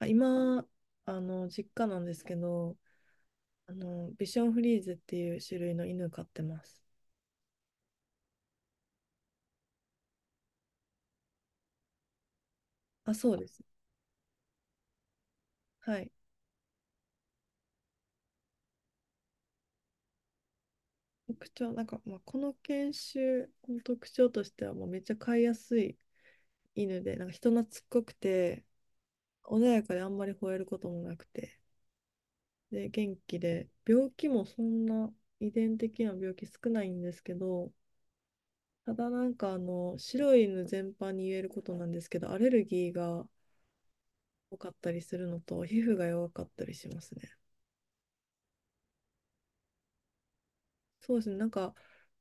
今、実家なんですけど、ビションフリーゼっていう種類の犬飼ってます。あ、そうです。はい。特徴、この犬種の特徴としては、もうめっちゃ飼いやすい犬で、人懐っこくて、穏やかであんまり吠えることもなくて、で、元気で、病気もそんな遺伝的な病気少ないんですけど、ただ白い犬全般に言えることなんですけど、アレルギーが多かったりするのと、皮膚が弱かったりしますね。そうですね、なんか、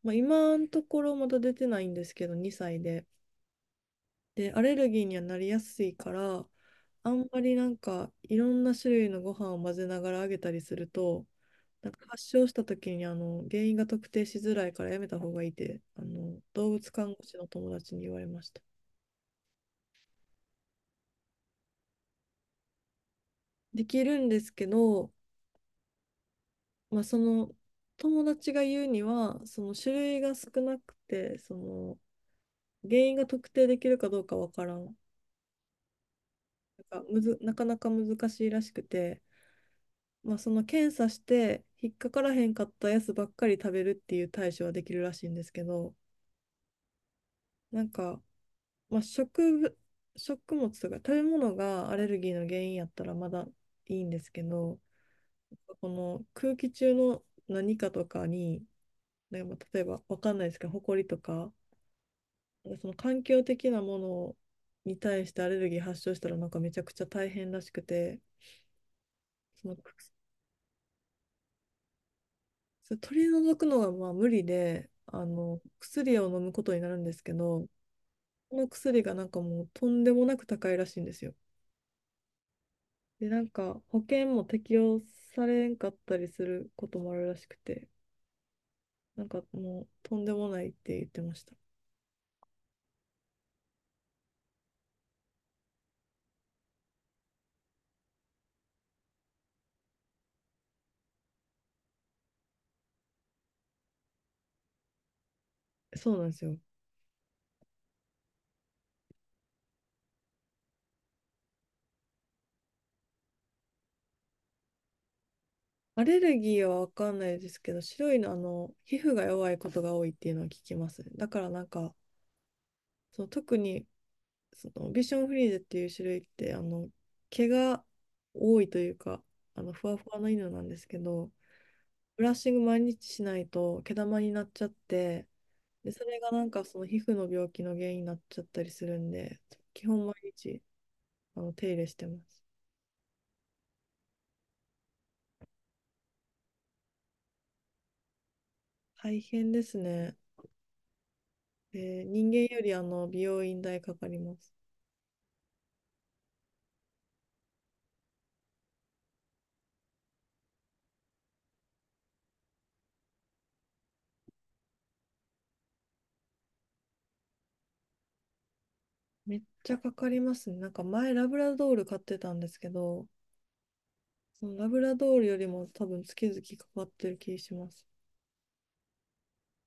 まあ、今のところまだ出てないんですけど、2歳で。で、アレルギーにはなりやすいから、あんまりいろんな種類のご飯を混ぜながらあげたりすると、発症した時に原因が特定しづらいからやめた方がいいって動物看護師の友達に言われました。できるんですけど、その友達が言うにはその種類が少なくてその原因が特定できるかどうかわからん。なんかむず、なかなか難しいらしくて、その検査して引っかからへんかったやつばっかり食べるっていう対処はできるらしいんですけど、なんか、まあ、食物、食物とか食べ物がアレルギーの原因やったらまだいいんですけど、この空気中の何かとかに、例えばわかんないですけど、埃とか、その環境的なものに対してアレルギー発症したらめちゃくちゃ大変らしくて、そのそう取り除くのが無理で、薬を飲むことになるんですけど、この薬がもうとんでもなく高いらしいんですよ。で、保険も適用されんかったりすることもあるらしくて、もうとんでもないって言ってました。そうなんですよ。アレルギーはわかんないですけど、白いの、皮膚が弱いことが多いっていうのは聞きます。だからその特にそのビションフリーゼっていう種類って毛が多いというか、ふわふわな犬なんですけど、ブラッシング毎日しないと毛玉になっちゃって、でそれがその皮膚の病気の原因になっちゃったりするんで、基本毎日手入れしてます。大変ですね、で人間より美容院代かかります。めっちゃかかりますね。前ラブラドール買ってたんですけど、そのラブラドールよりも多分月々かかってる気します。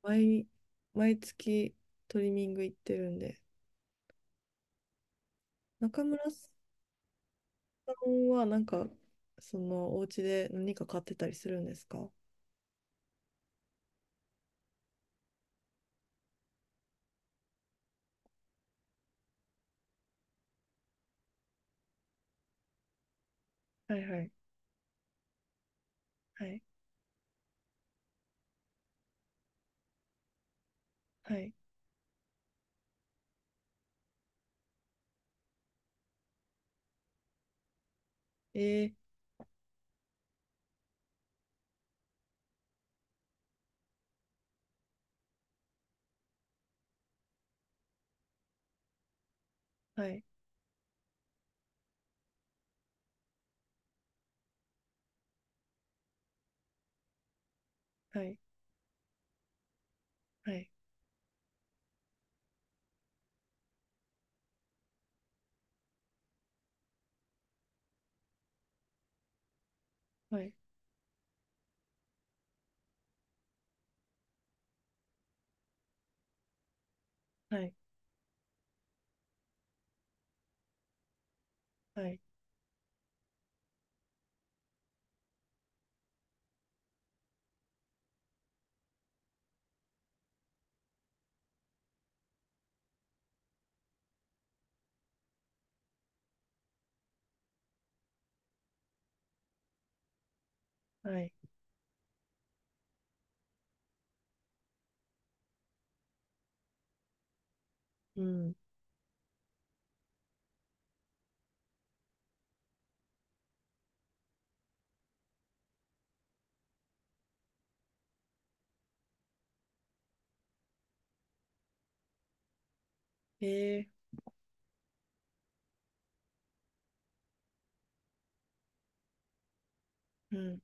毎、毎月トリミング行ってるんで。中村さんはそのお家で何か買ってたりするんですか？はい、はい、はい、はい、えー、はい、はい、はい、はい、はい、はい、はい、うん、えー、うん、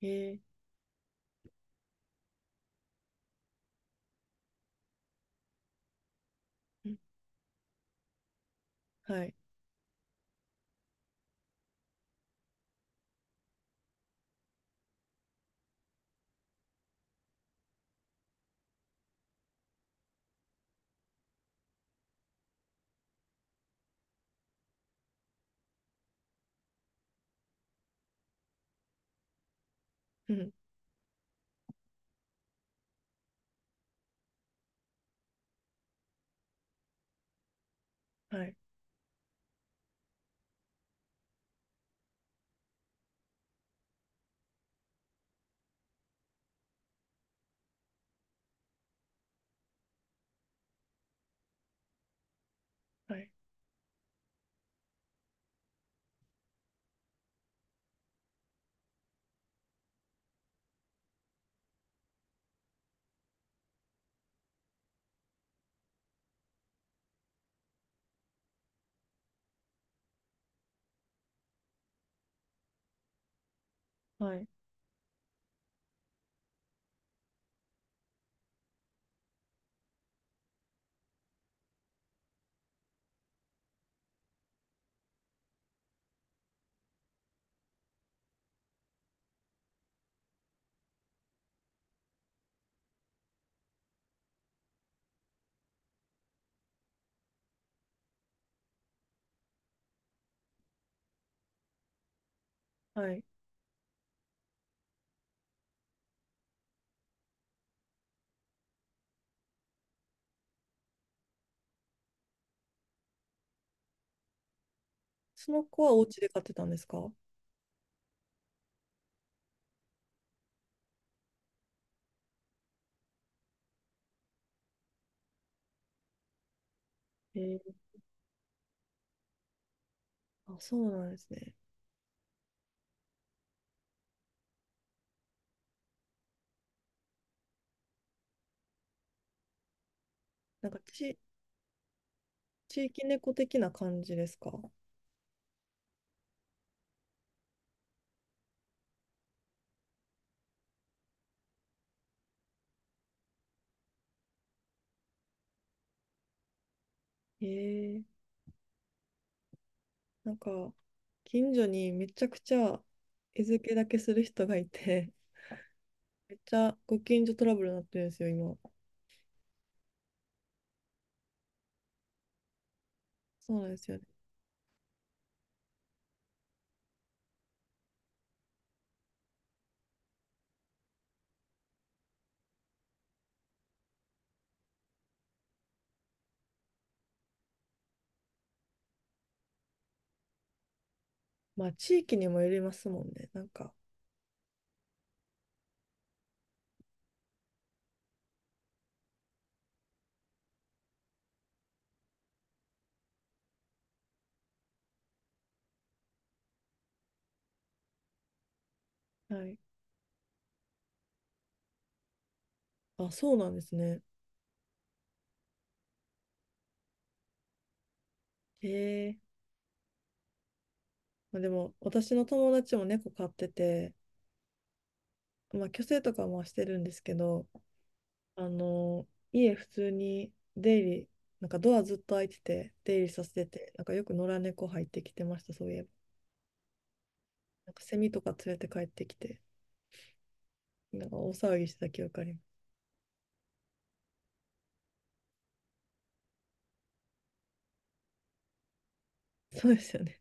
えー、うん、はい、うん、はい、はい、はい、はい、その子はお家で買ってたんですか？えー、あ、そうなんですね。なんかち、地域猫的な感じですか？えー、なんか、近所にめちゃくちゃ餌付けだけする人がいて、めっちゃご近所トラブルになってるんですよ、今。そうなんですよね。まあ、地域にもよりますもんね。はい。あ、そうなんですね。へえ。まあ、でも、私の友達も猫飼ってて、まあ、去勢とかもしてるんですけど、あの、家普通に出入り、ドアずっと開いてて、出入りさせてて、よく野良猫入ってきてました、そういえば。セミとか連れて帰ってきて。大騒ぎしてた記憶あります。そうですよね。